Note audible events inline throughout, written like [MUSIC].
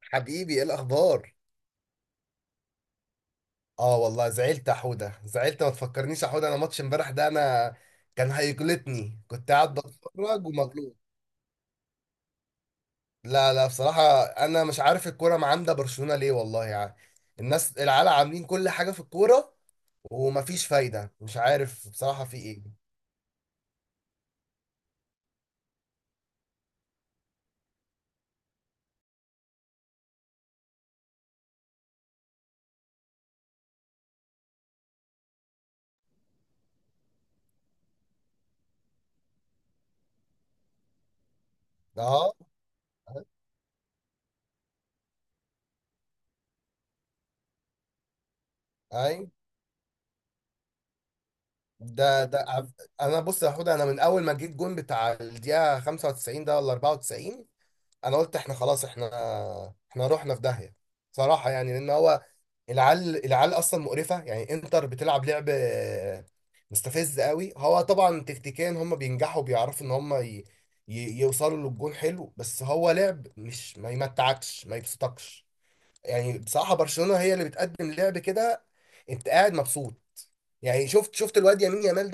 حبيبي، ايه الاخبار؟ اه، والله زعلت يا حوده، زعلت، ما تفكرنيش يا حوده. انا ماتش امبارح ده انا كان هيجلطني، كنت قاعد بتفرج ومجلوط. لا لا، بصراحه انا مش عارف الكوره معاندة برشلونه ليه، والله يعني الناس العيال عاملين كل حاجه في الكوره، ومفيش فايده، مش عارف بصراحه في ايه. اه. اي. ده انا بص يا حوده، انا من اول ما جيت جون بتاع الدقيقه 95 ده ولا 94؟ انا قلت احنا خلاص، احنا رحنا في داهيه. صراحه يعني لان هو العيال العيال اصلا مقرفه، يعني انتر بتلعب لعب مستفز قوي. هو طبعا تكتيكيا هم بينجحوا، بيعرفوا ان هم يوصلوا للجون حلو، بس هو لعب مش ما يمتعكش ما يبسطكش. يعني بصراحه برشلونه هي اللي بتقدم لعب كده، انت قاعد مبسوط. يعني شفت الواد يمين يامال.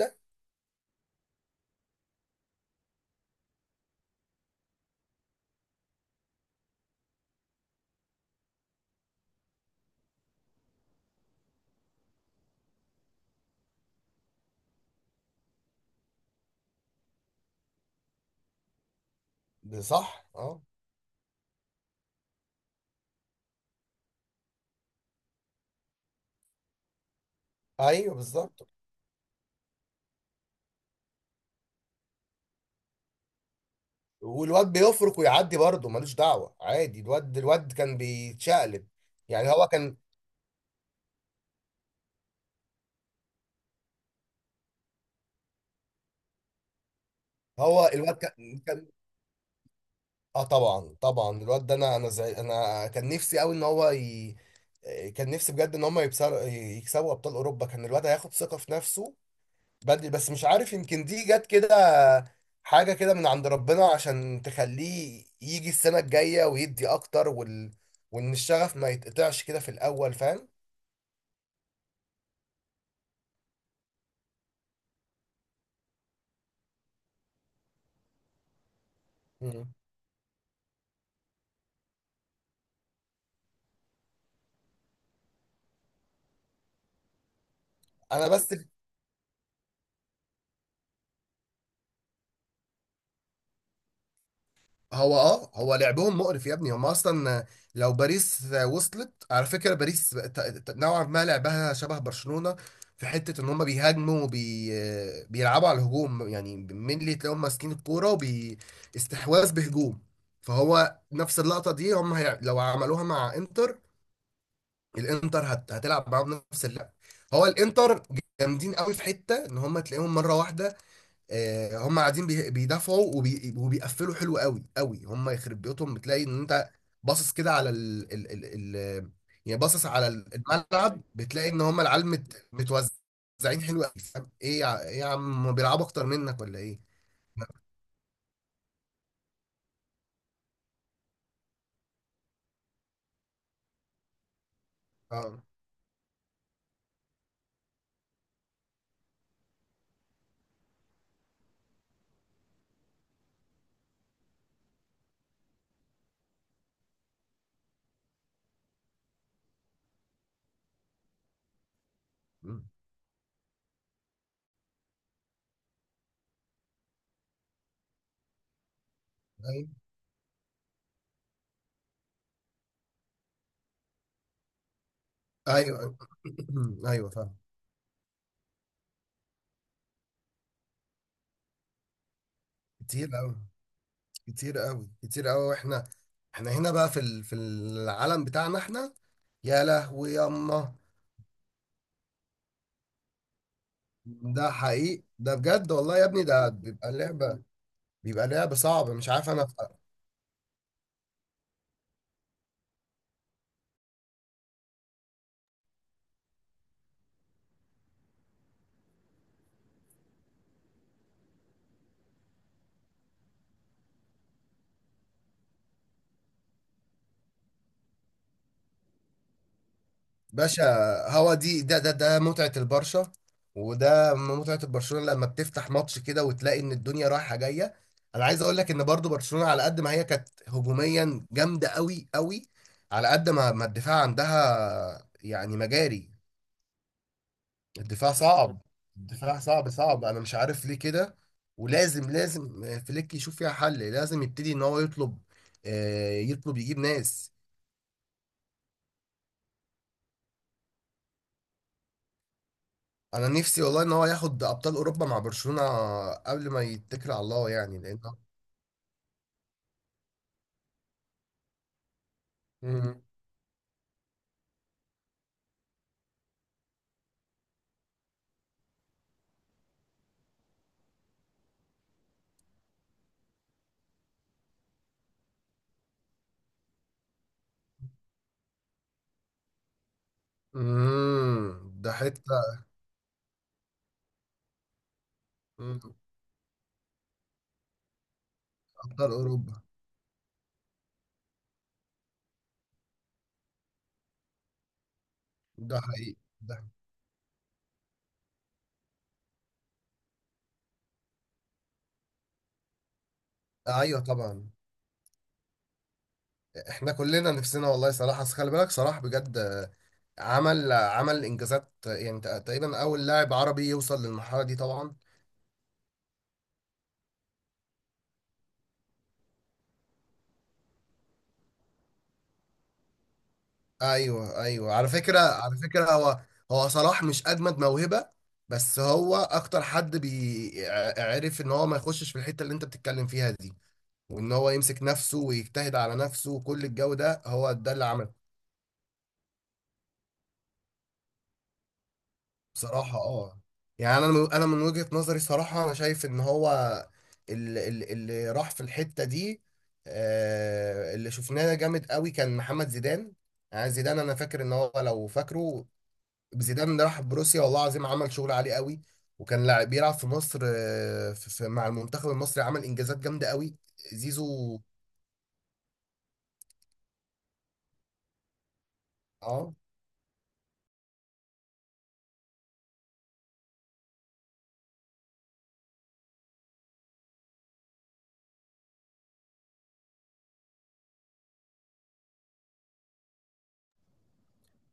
ده صح. اه. ايوه بالظبط. والواد بيفرق ويعدي برضه ملوش دعوه عادي، الواد الواد كان بيتشقلب، يعني هو كان، هو الواد كان، اه طبعا طبعا الواد ده، انا زي انا كان نفسي قوي ان هو كان نفسي بجد ان هم يكسبوا ابطال اوروبا، كان الواد هياخد ثقه في نفسه بدري، بس مش عارف، يمكن دي جت كده حاجه كده من عند ربنا عشان تخليه يجي السنه الجايه ويدي اكتر وان الشغف ما يتقطعش كده في الاول، فاهم. مم. انا بس. هو هو لعبهم مقرف يا ابني، هم اصلا لو باريس وصلت، على فكره باريس نوعا ما لعبها شبه برشلونه في حته ان هم بيهاجموا بيلعبوا على الهجوم، يعني مين تلاقيهم ماسكين الكوره استحواذ بهجوم. فهو نفس اللقطه دي، هم لو عملوها مع انتر، الانتر هتلعب معاهم نفس اللعب. هو الانتر جامدين قوي في حته ان هم تلاقيهم مره واحده، هم قاعدين بيدافعوا وبيقفلوا حلو قوي قوي. هم يخرب بيوتهم، بتلاقي ان انت باصص كده على يعني باصص على الملعب، بتلاقي ان هم العيال متوزعين حلو قوي، فاهم؟ ايه يا عم، هم بيلعبوا اكتر منك ولا ايه؟ اه. مم. ايوه، ايوه. [CLEARS THROAT] ايوه، فاهم. كتير قوي، كتير قوي، كتير قوي، واحنا احنا هنا بقى في العالم بتاعنا احنا، يا لهوي ياما. ده حقيقي، ده بجد والله يا ابني، ده بيبقى لعبة، بيبقى لعبة صعبة، مش عارف انا. باشا، هو دي ده متعة البرشا، وده متعة البرشلونة لما بتفتح ماتش كده وتلاقي ان الدنيا رايحة جاية. انا عايز اقول لك ان برضو برشلونة على قد ما هي كانت هجوميا جامدة قوي قوي، على قد ما الدفاع عندها يعني مجاري، الدفاع صعب، الدفاع صعب صعب، انا مش عارف ليه كده. ولازم لازم فليك يشوف فيها حل، لازم يبتدي ان هو يطلب، يطلب يجيب ناس. انا نفسي والله ان هو ياخد ابطال اوروبا مع برشلونة قبل ما يتكل على الله، يعني لان. مم. مم. ده حته. مم. ابطال اوروبا. ده حقيقي، ده. ايوه طبعا، احنا كلنا نفسنا والله صلاح، اصل خلي بالك صلاح بجد، عمل انجازات، يعني تقريبا اول لاعب عربي يوصل للمرحله دي طبعا. ايوه ايوه، على فكره، على فكره هو صلاح مش اجمد موهبه، بس هو اكتر حد بيعرف ان هو ما يخشش في الحته اللي انت بتتكلم فيها دي، وان هو يمسك نفسه ويجتهد على نفسه وكل الجو ده هو ده اللي عمل. بصراحة يعني انا من وجهة نظري صراحة انا شايف ان هو اللي راح في الحتة دي، اللي شفناه جامد قوي كان محمد زيدان. يعني زيدان انا فاكر ان هو، لو فاكره، زيدان اللي راح بروسيا والله العظيم عمل شغل عالي قوي، وكان لاعب بيلعب في مصر، مع المنتخب المصري، عمل انجازات جامدة قوي، زيزو. اه.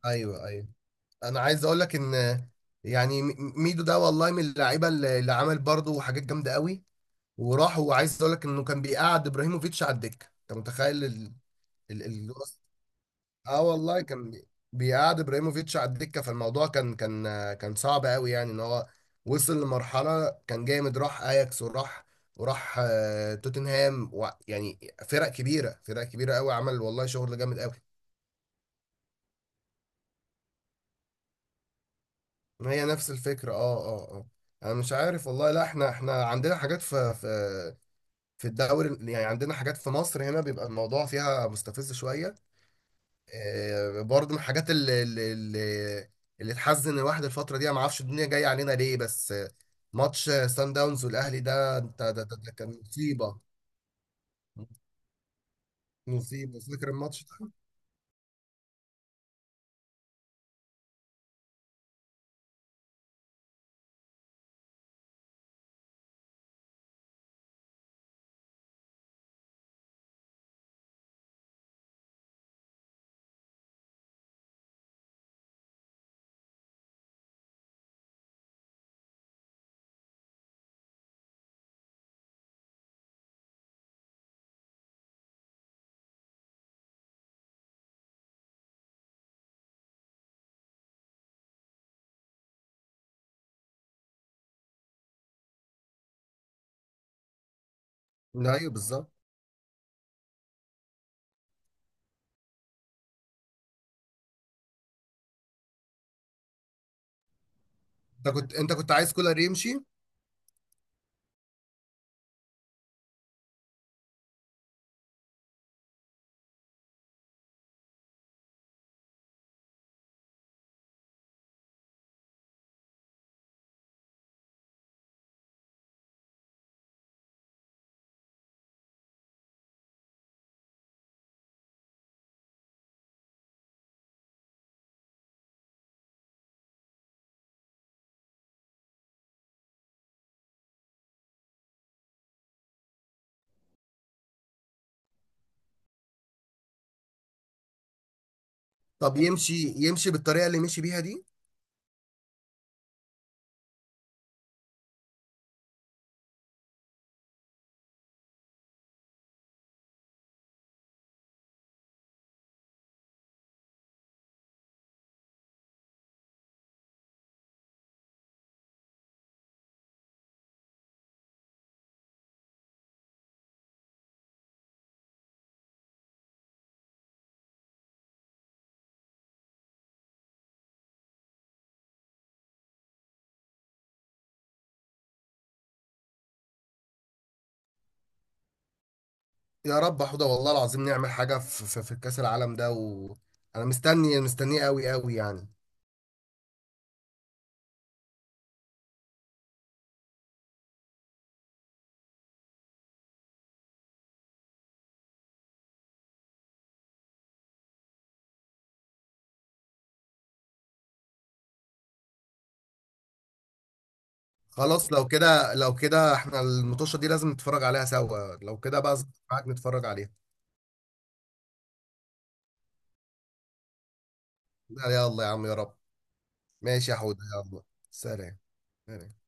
ايوه، ايوه. انا عايز اقول لك ان يعني ميدو ده والله من اللعيبة اللي عمل برضه حاجات جامدة قوي، وراح، وعايز اقول لك انه كان بيقعد ابراهيموفيتش على الدكه، انت متخيل ال... ال... اه والله كان بيقعد ابراهيموفيتش على الدكه، فالموضوع كان كان صعب قوي، يعني ان هو وصل لمرحله كان جامد، راح اياكس، وراح توتنهام يعني فرق كبيره، فرق كبيره قوي، عمل والله شغل جامد قوي. هي نفس الفكره. اه اه اه، انا مش عارف والله، لا احنا عندنا حاجات في الدوري، يعني عندنا حاجات في مصر، هنا بيبقى الموضوع فيها مستفز شويه، برضه من الحاجات اللي تحزن الواحد الفترة دي. أنا ما اعرفش الدنيا جاية علينا ليه، بس ماتش سان داونز والأهلي ده، أنت ده كان مصيبة. مصيبة، فاكر الماتش ده؟ أيوه بالظبط. أنت كنت عايز كولر يمشي. طب يمشي بالطريقة اللي مشي بيها دي. يا رب حوده، والله العظيم نعمل حاجة في كأس العالم ده، وأنا مستني، مستنيه قوي قوي، يعني خلاص. لو كده احنا المطوشة دي لازم نتفرج عليها سوا، لو كده بقى. معاك نتفرج عليها. لا، يلا يا عم، يا رب. ماشي يا حوده، يلا. سلام. سلام.